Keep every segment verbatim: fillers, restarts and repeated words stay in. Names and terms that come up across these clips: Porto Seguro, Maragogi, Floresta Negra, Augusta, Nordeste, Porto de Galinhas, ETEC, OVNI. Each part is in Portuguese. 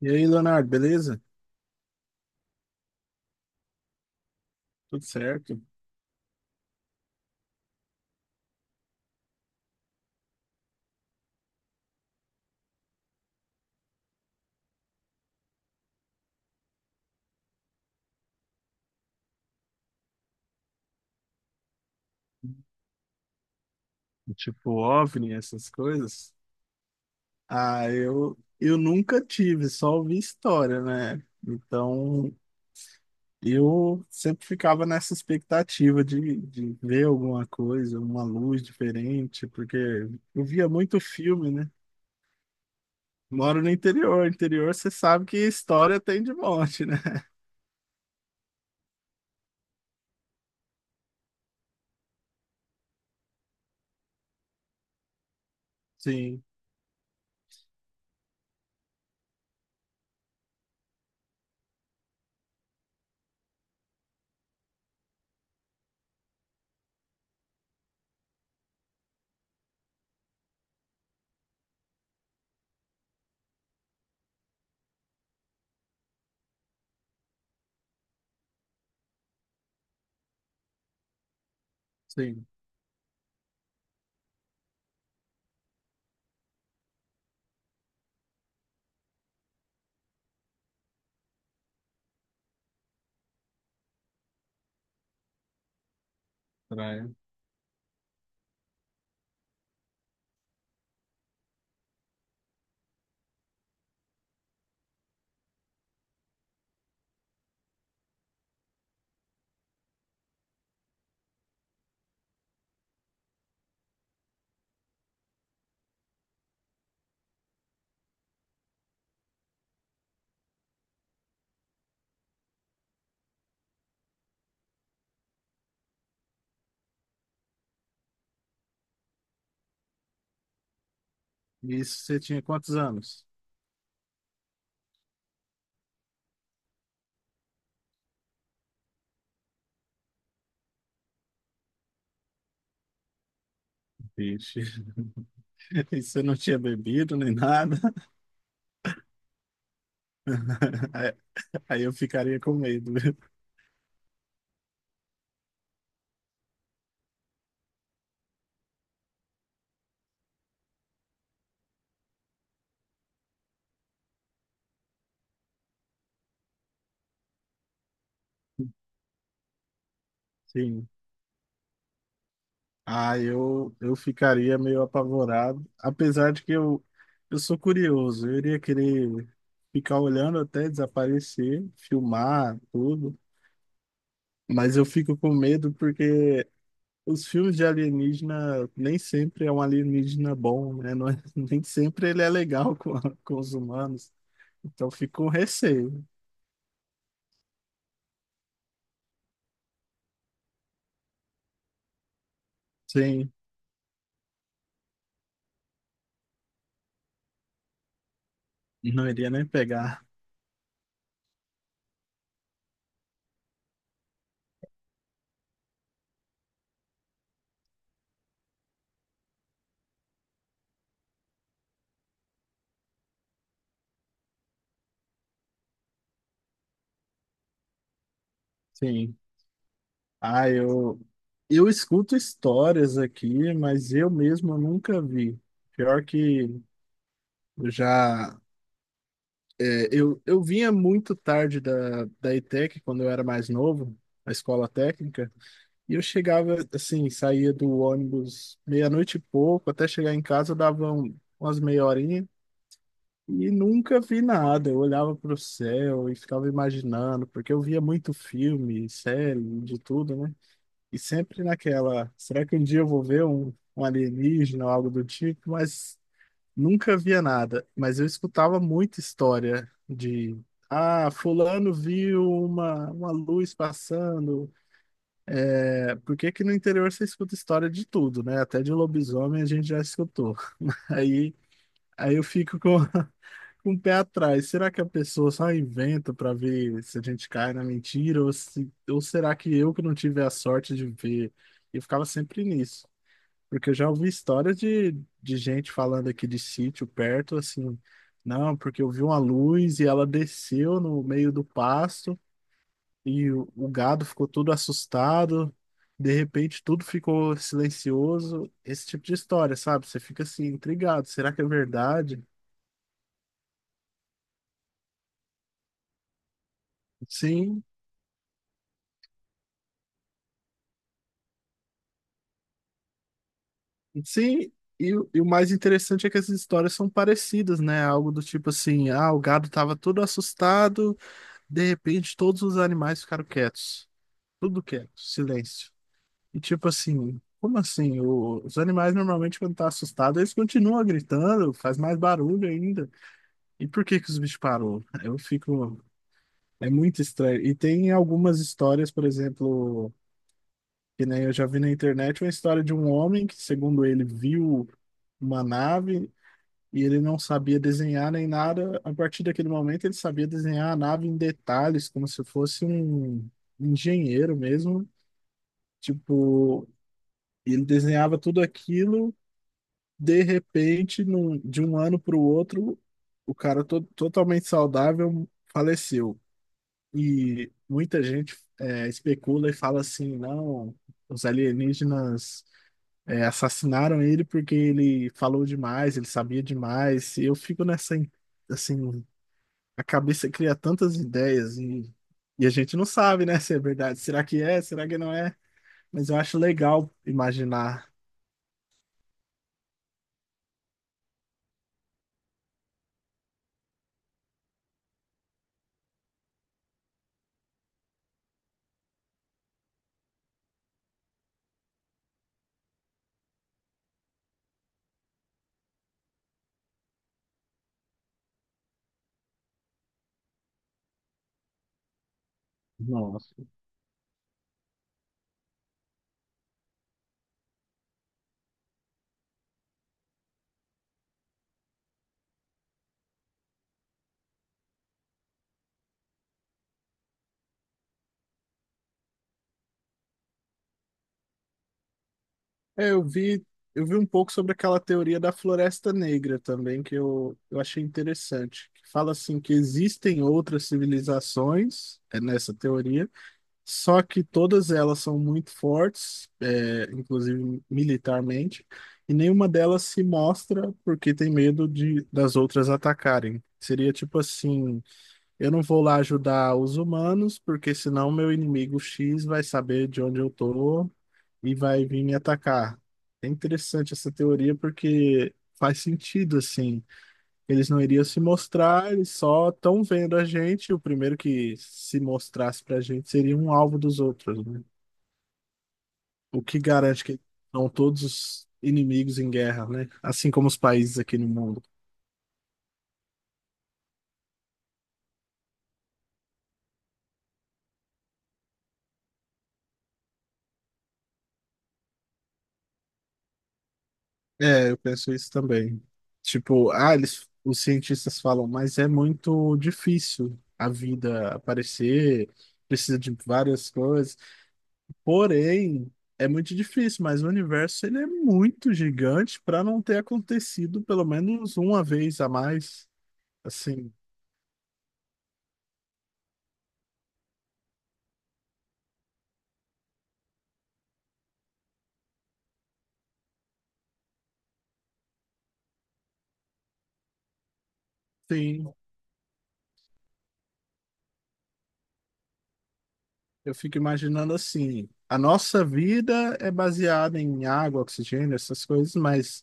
E aí, Leonardo, beleza? Tudo certo? Tipo, OVNI, essas coisas? Ah, eu, eu nunca tive, só ouvi história, né? Então, eu sempre ficava nessa expectativa de, de ver alguma coisa, uma luz diferente, porque eu via muito filme, né? Moro no interior, interior você sabe que história tem de monte, né? Sim, sim, praia. E isso, você tinha quantos anos? Vixe. E se não tinha bebido nem nada, aí aí eu ficaria com medo. Sim. Ah, eu, eu ficaria meio apavorado, apesar de que eu, eu sou curioso, eu iria querer ficar olhando até desaparecer, filmar tudo, mas eu fico com medo porque os filmes de alienígena nem sempre é um alienígena bom, né? Não é- nem sempre ele é legal com, a- com os humanos, então eu fico com receio. Sim, não iria nem pegar. Sim. Ah, eu, eu escuto histórias aqui, mas eu mesmo nunca vi. Pior que eu já. É, eu, eu vinha muito tarde da, da ETEC, quando eu era mais novo, na escola técnica, e eu chegava, assim, saía do ônibus meia-noite e pouco, até chegar em casa eu dava um- umas meia horinha, e nunca vi nada. Eu olhava para o céu e ficava imaginando, porque eu via muito filme, série, de tudo, né? E sempre naquela, será que um dia eu vou ver um, um alienígena ou algo do tipo? Mas nunca via nada. Mas eu escutava muita história de, ah, fulano viu uma, uma luz passando. É, por que que no interior você escuta história de tudo, né? Até de lobisomem a gente já escutou. Aí, aí eu fico com, com o pé atrás. Será que a pessoa só inventa para ver se a gente cai na mentira? Ou, se, ou será que eu que não tive a sorte de ver? E eu ficava sempre nisso. Porque eu já ouvi histórias de, de gente falando aqui de sítio perto, assim, não, porque eu vi uma luz e ela desceu no meio do pasto e o, o gado ficou todo assustado, de repente tudo ficou silencioso, esse tipo de história, sabe? Você fica assim, intrigado, será que é verdade? Sim, sim, e, o- e o mais interessante é que essas histórias são parecidas, né? Algo do tipo assim, ah, o gado estava todo assustado, de repente todos os animais ficaram quietos. Tudo quieto, silêncio. E tipo assim, como assim? O- os animais normalmente quando tá assustado, eles continuam gritando, faz mais barulho ainda. E por que que os bichos parou? Eu fico, é muito estranho. E tem algumas histórias, por exemplo, que nem eu já vi na internet, uma história de um homem que, segundo ele, viu uma nave e ele não sabia desenhar nem nada. A partir daquele momento, ele sabia desenhar a nave em detalhes, como se fosse um engenheiro mesmo. Tipo, e ele desenhava tudo aquilo, de repente, num- de um ano para o outro, o cara to- totalmente saudável faleceu. E muita gente é, especula e fala assim, não, os alienígenas é, assassinaram ele porque ele falou demais, ele sabia demais. E eu fico nessa, assim, a cabeça cria tantas ideias e, e a gente não sabe, né, se é verdade. Será que é? Será que não é? Mas eu acho legal imaginar. Nossa. É, eu vi, eu vi um pouco sobre aquela teoria da Floresta Negra também, que eu, eu achei interessante. Que fala assim que existem outras civilizações, é nessa teoria, só que todas elas são muito fortes, é, inclusive militarmente, e nenhuma delas se mostra porque tem medo de, das outras atacarem. Seria tipo assim. Eu não vou lá ajudar os humanos, porque senão meu inimigo X vai saber de onde eu tô e vai vir me atacar. É interessante essa teoria porque faz sentido assim. Eles não iriam se mostrar, eles só estão vendo a gente. O primeiro que se mostrasse pra gente seria um alvo dos outros, né? O que garante que são todos os inimigos em guerra, né? Assim como os países aqui no mundo. É, eu penso isso também. Tipo, ah, eles, os cientistas falam, mas é muito difícil a vida aparecer, precisa de várias coisas. Porém, é muito difícil, mas o universo ele é muito gigante para não ter acontecido pelo menos uma vez a mais. Assim, sim. Eu fico imaginando assim, a nossa vida é baseada em água, oxigênio, essas coisas, mas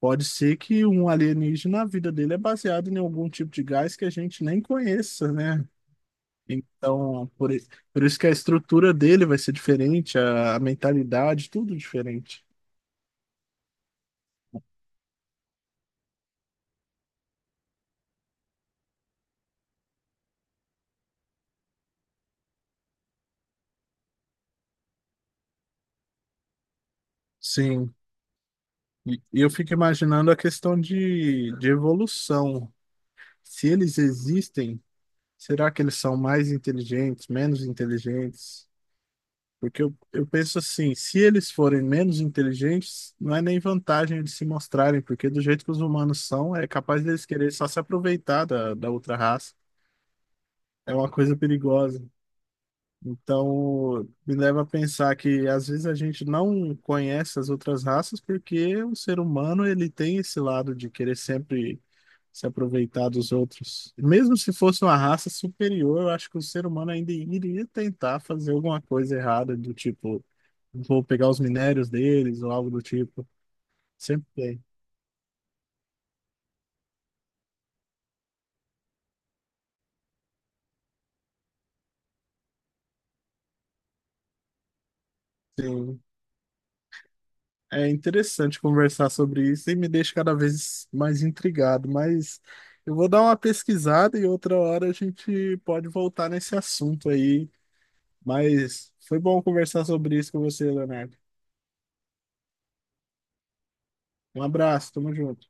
pode ser que um alienígena, a vida dele é baseada em algum tipo de gás que a gente nem conheça, né? Então, por, i- por isso que a estrutura dele vai ser diferente, a, a mentalidade, tudo diferente. Sim, e e eu fico imaginando a questão de, de evolução. Se eles existem, será que eles são mais inteligentes, menos inteligentes? Porque eu, eu penso assim, se eles forem menos inteligentes, não é nem vantagem de se mostrarem, porque do jeito que os humanos são, é capaz deles querer só se aproveitar da, da outra raça. É uma coisa perigosa. Então, me leva a pensar que às vezes a gente não conhece as outras raças porque o ser humano ele tem esse lado de querer sempre se aproveitar dos outros. Mesmo se fosse uma raça superior, eu acho que o ser humano ainda iria tentar fazer alguma coisa errada, do tipo vou pegar os minérios deles ou algo do tipo. Sempre tem. Sim. É interessante conversar sobre isso e me deixa cada vez mais intrigado, mas eu vou dar uma pesquisada e outra hora a gente pode voltar nesse assunto aí. Mas foi bom conversar sobre isso com você, Leonardo. Um abraço, tamo junto.